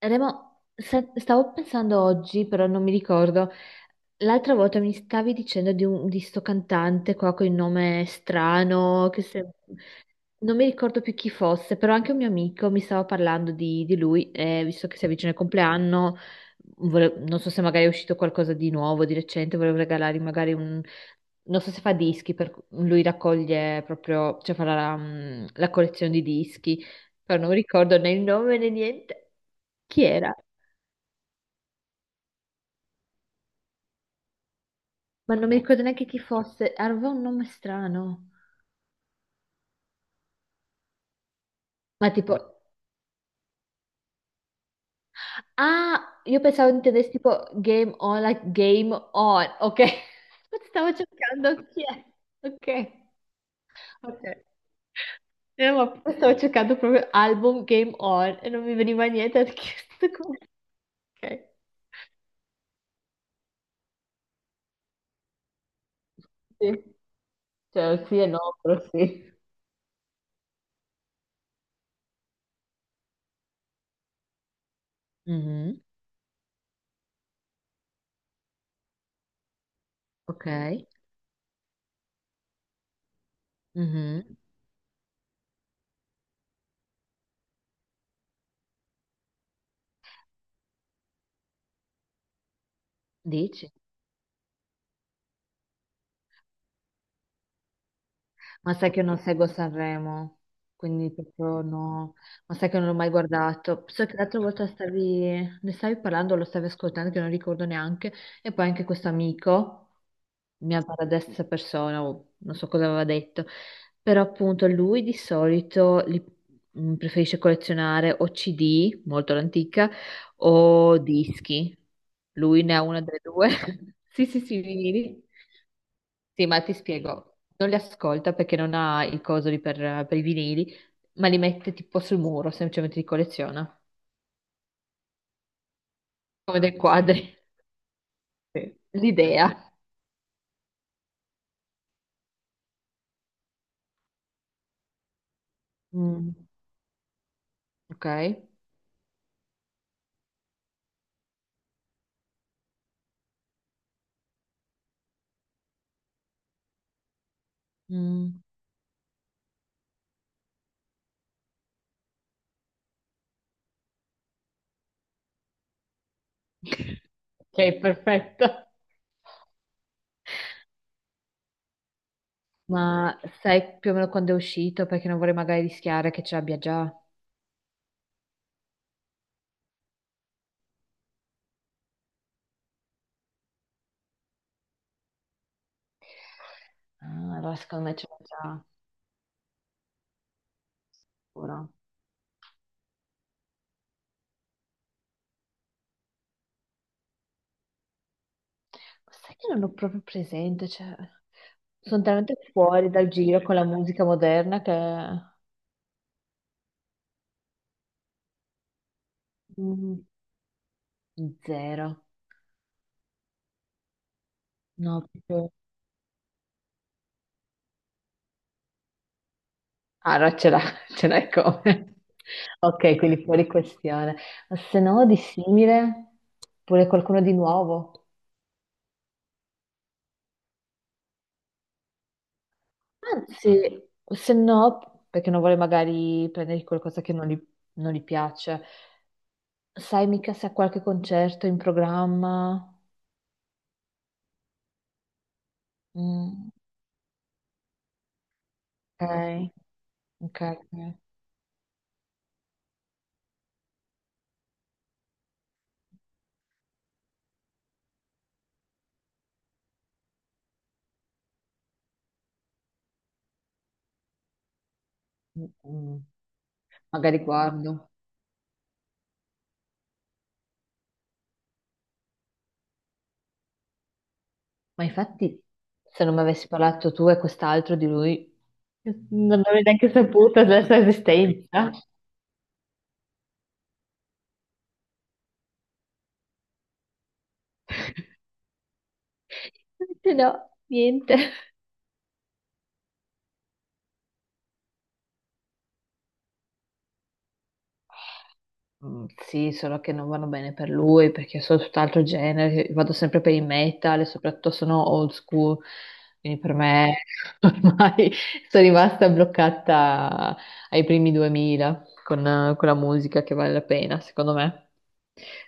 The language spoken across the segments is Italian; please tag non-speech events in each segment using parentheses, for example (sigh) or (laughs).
Remo, stavo pensando oggi, però non mi ricordo. L'altra volta mi stavi dicendo di sto cantante qua con il nome strano, che se- non mi ricordo più chi fosse, però anche un mio amico mi stava parlando di lui, e visto che si avvicina il compleanno, non so se magari è uscito qualcosa di nuovo, di recente, volevo regalargli magari un... Non so se fa dischi, per... lui raccoglie proprio, cioè fa la collezione di dischi, però non mi ricordo né il nome né niente. Chi era? Ma non mi ricordo neanche chi fosse, aveva un nome strano, ma tipo, ah, io pensavo intendessi tipo Game On, like Game On, ok. (laughs) Stavo cercando chi è, ok, ok. Ma stavo cercando proprio album Game On e non mi veniva niente perché sto qua. Ok, sì, cioè sì e no, però sì. Mhm, ok, mhm. Dici? Ma sai che io non seguo Sanremo, quindi proprio no. Ma sai che non l'ho mai guardato. So che l'altra volta stavi, ne stavi parlando, lo stavi ascoltando, che non ricordo neanche. E poi anche questo amico, mia paradessa persona, o non so cosa aveva detto. Però appunto lui di solito preferisce collezionare o CD, molto l'antica, o dischi. Lui ne ha una delle due. (laughs) Sì, sì, sì, vinili. Sì, ma ti spiego, non li ascolta perché non ha il coso per i vinili, ma li mette tipo sul muro, semplicemente li colleziona, come dei quadri. Sì. L'idea. Mm, ok. Mm. (laughs) Ok, perfetto. Ma sai più o meno quando è uscito? Perché non vorrei magari rischiare che ce l'abbia già. Ah, allora secondo me ce l'ho già. Sicuro. Ma sai che non ho proprio presente, cioè... Sono talmente fuori dal giro con la musica moderna che... Mm, zero. No, proprio- allora ce l'ha, (laughs) ce l'hai come. Ok, quindi fuori questione. Ma se no, di simile, pure qualcuno di nuovo. Anzi, se no, perché non vuole magari prendere qualcosa che non gli piace. Sai mica se ha qualche concerto in programma? Mm, ok, ok. Ok. Mm, mm. Magari guardo. Ma infatti, se non mi avessi parlato tu e quest'altro di lui, non avrei neanche saputo della sua esistenza. (laughs) Invece no, niente. Mm, sì, solo che non vanno bene per lui perché sono tutt'altro genere, vado sempre per il metal e soprattutto sono old school, quindi per me (laughs) ormai sono rimasta bloccata ai primi 2000 con la musica che vale la pena, secondo me.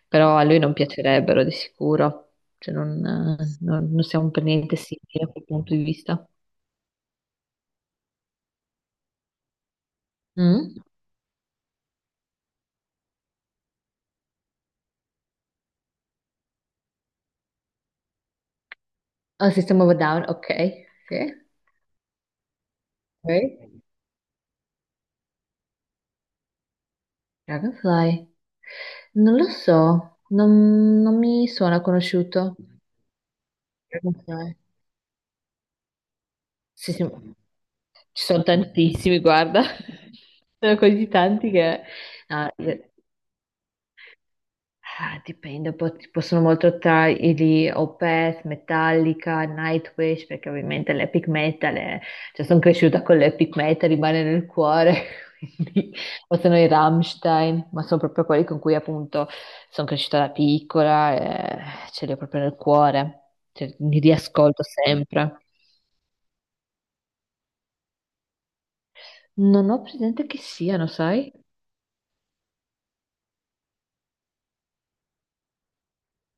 Però a lui non piacerebbero di sicuro, non siamo per niente simili da quel punto di vista. Mm? Ah, System of a Down, ok, sì. Ok. Dragonfly? Non lo so, non mi suona conosciuto. Dragonfly. Sì, sì, ci sono tantissimi, guarda. (laughs) Sono così tanti che... no, ah, dipende, ci possono molto tra i gli Opeth, Metallica, Nightwish, perché ovviamente cioè sono cresciuta con l'epic metal, rimane nel cuore, (laughs) quindi, o sono i Rammstein, ma sono proprio quelli con cui appunto sono cresciuta da piccola e ce li ho proprio nel cuore, cioè, li riascolto sempre. Non ho presente chi siano, sai?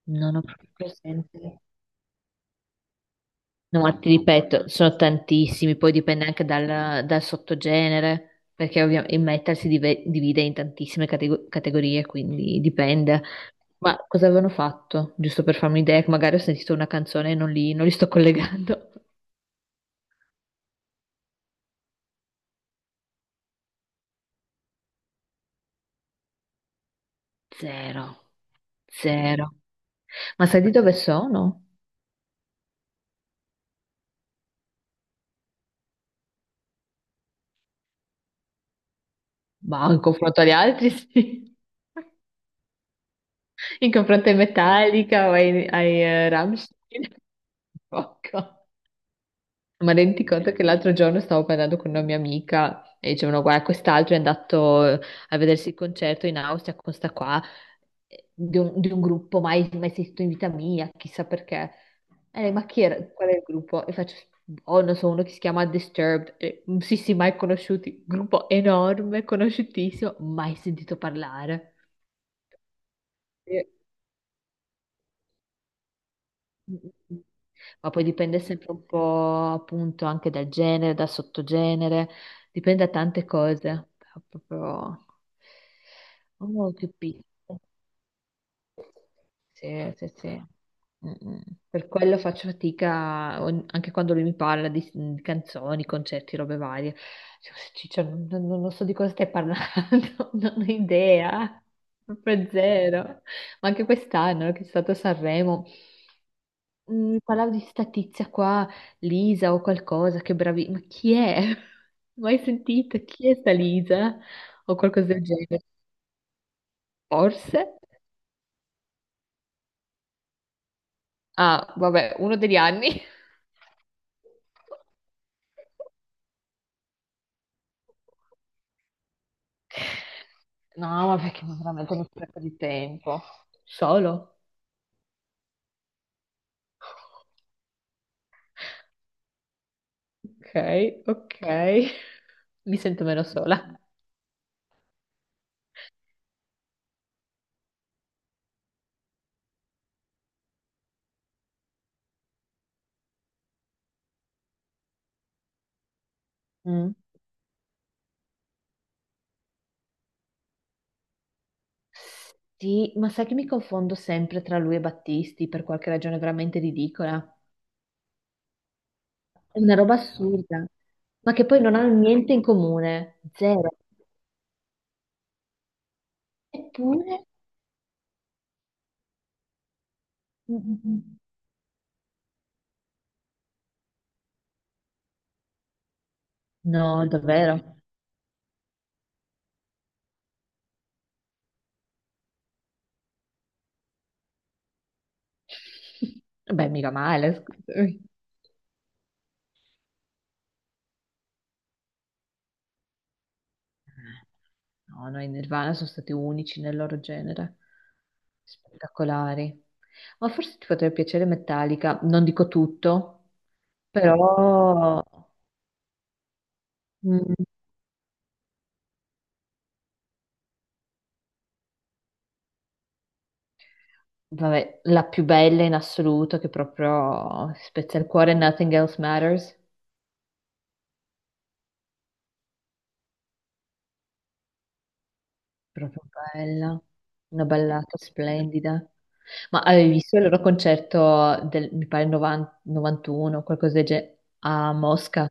Non ho proprio presente. No, ma ti ripeto, sono tantissimi, poi dipende anche dal sottogenere, perché ovviamente il metal divide in tantissime categorie, quindi dipende. Ma cosa avevano fatto? Giusto per farmi un'idea, che magari ho sentito una canzone e non li sto collegando. Zero, zero. Ma sai di dove sono? Bah, in confronto agli altri, sì. In confronto ai Metallica o ai Rammstein. (laughs) Poco. Ma rendi conto che l'altro giorno stavo parlando con una mia amica e dicevano, guarda, quest'altro è andato a vedersi il concerto in Austria con sta qua, di un gruppo mai esistito in vita mia, chissà perché. E lei, ma chi era? Qual è il gruppo? E faccio, oh, non so, uno che si chiama Disturbed. E, "Mm, sì, sì, mai conosciuti. Gruppo enorme, conosciutissimo, mai sentito parlare. Mm, mm, mm. Ma poi dipende sempre un po' appunto anche dal genere, dal sottogenere, dipende da tante cose. Però proprio... Oh, che pizza. Sì, sì, sì. Mm, mm. Per quello faccio fatica anche quando lui mi parla di canzoni, concerti, robe varie. Dico, Ciccio, non so di cosa stai parlando, (laughs) non ho idea, proprio zero. Ma anche quest'anno che è stato a Sanremo. Mm, parlavo di sta tizia qua, Lisa o qualcosa, che bravi, ma chi è? (laughs) Mai sentita? Chi è sta Lisa? O qualcosa del genere? Forse? Ah, vabbè, uno degli anni. (laughs) No, ma perché veramente uno spreco di tempo. Solo. Ok, ok. Mi sento meno sola. Mm. Sì, ma sai che mi confondo sempre tra lui e Battisti per qualche ragione veramente ridicola? È una roba assurda, ma che poi non hanno niente in comune, zero. Eppure, mm, mm, mm. No, davvero. (laughs) Vabbè, mica male, scusami. No, no, i Nirvana sono stati unici nel loro genere, spettacolari. Ma forse ti potrebbe piacere Metallica, non dico tutto, però mm, vabbè, la più bella in assoluto che proprio spezza il cuore, Nothing Else Matters. Proprio bella, una ballata splendida. Ma avevi visto il loro concerto del, mi pare, 90 91 qualcosa del genere, a Mosca?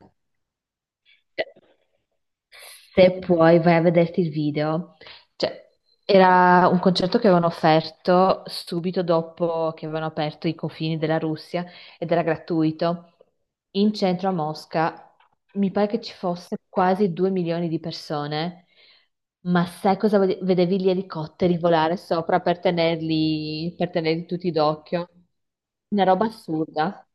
Cioè, se puoi, vai a vederti il video. Cioè, era un concerto che avevano offerto subito dopo che avevano aperto i confini della Russia ed era gratuito. In centro a Mosca mi pare che ci fosse quasi 2 milioni di persone, ma sai cosa vedevi gli elicotteri volare sopra per tenerli tutti d'occhio? Una roba assurda.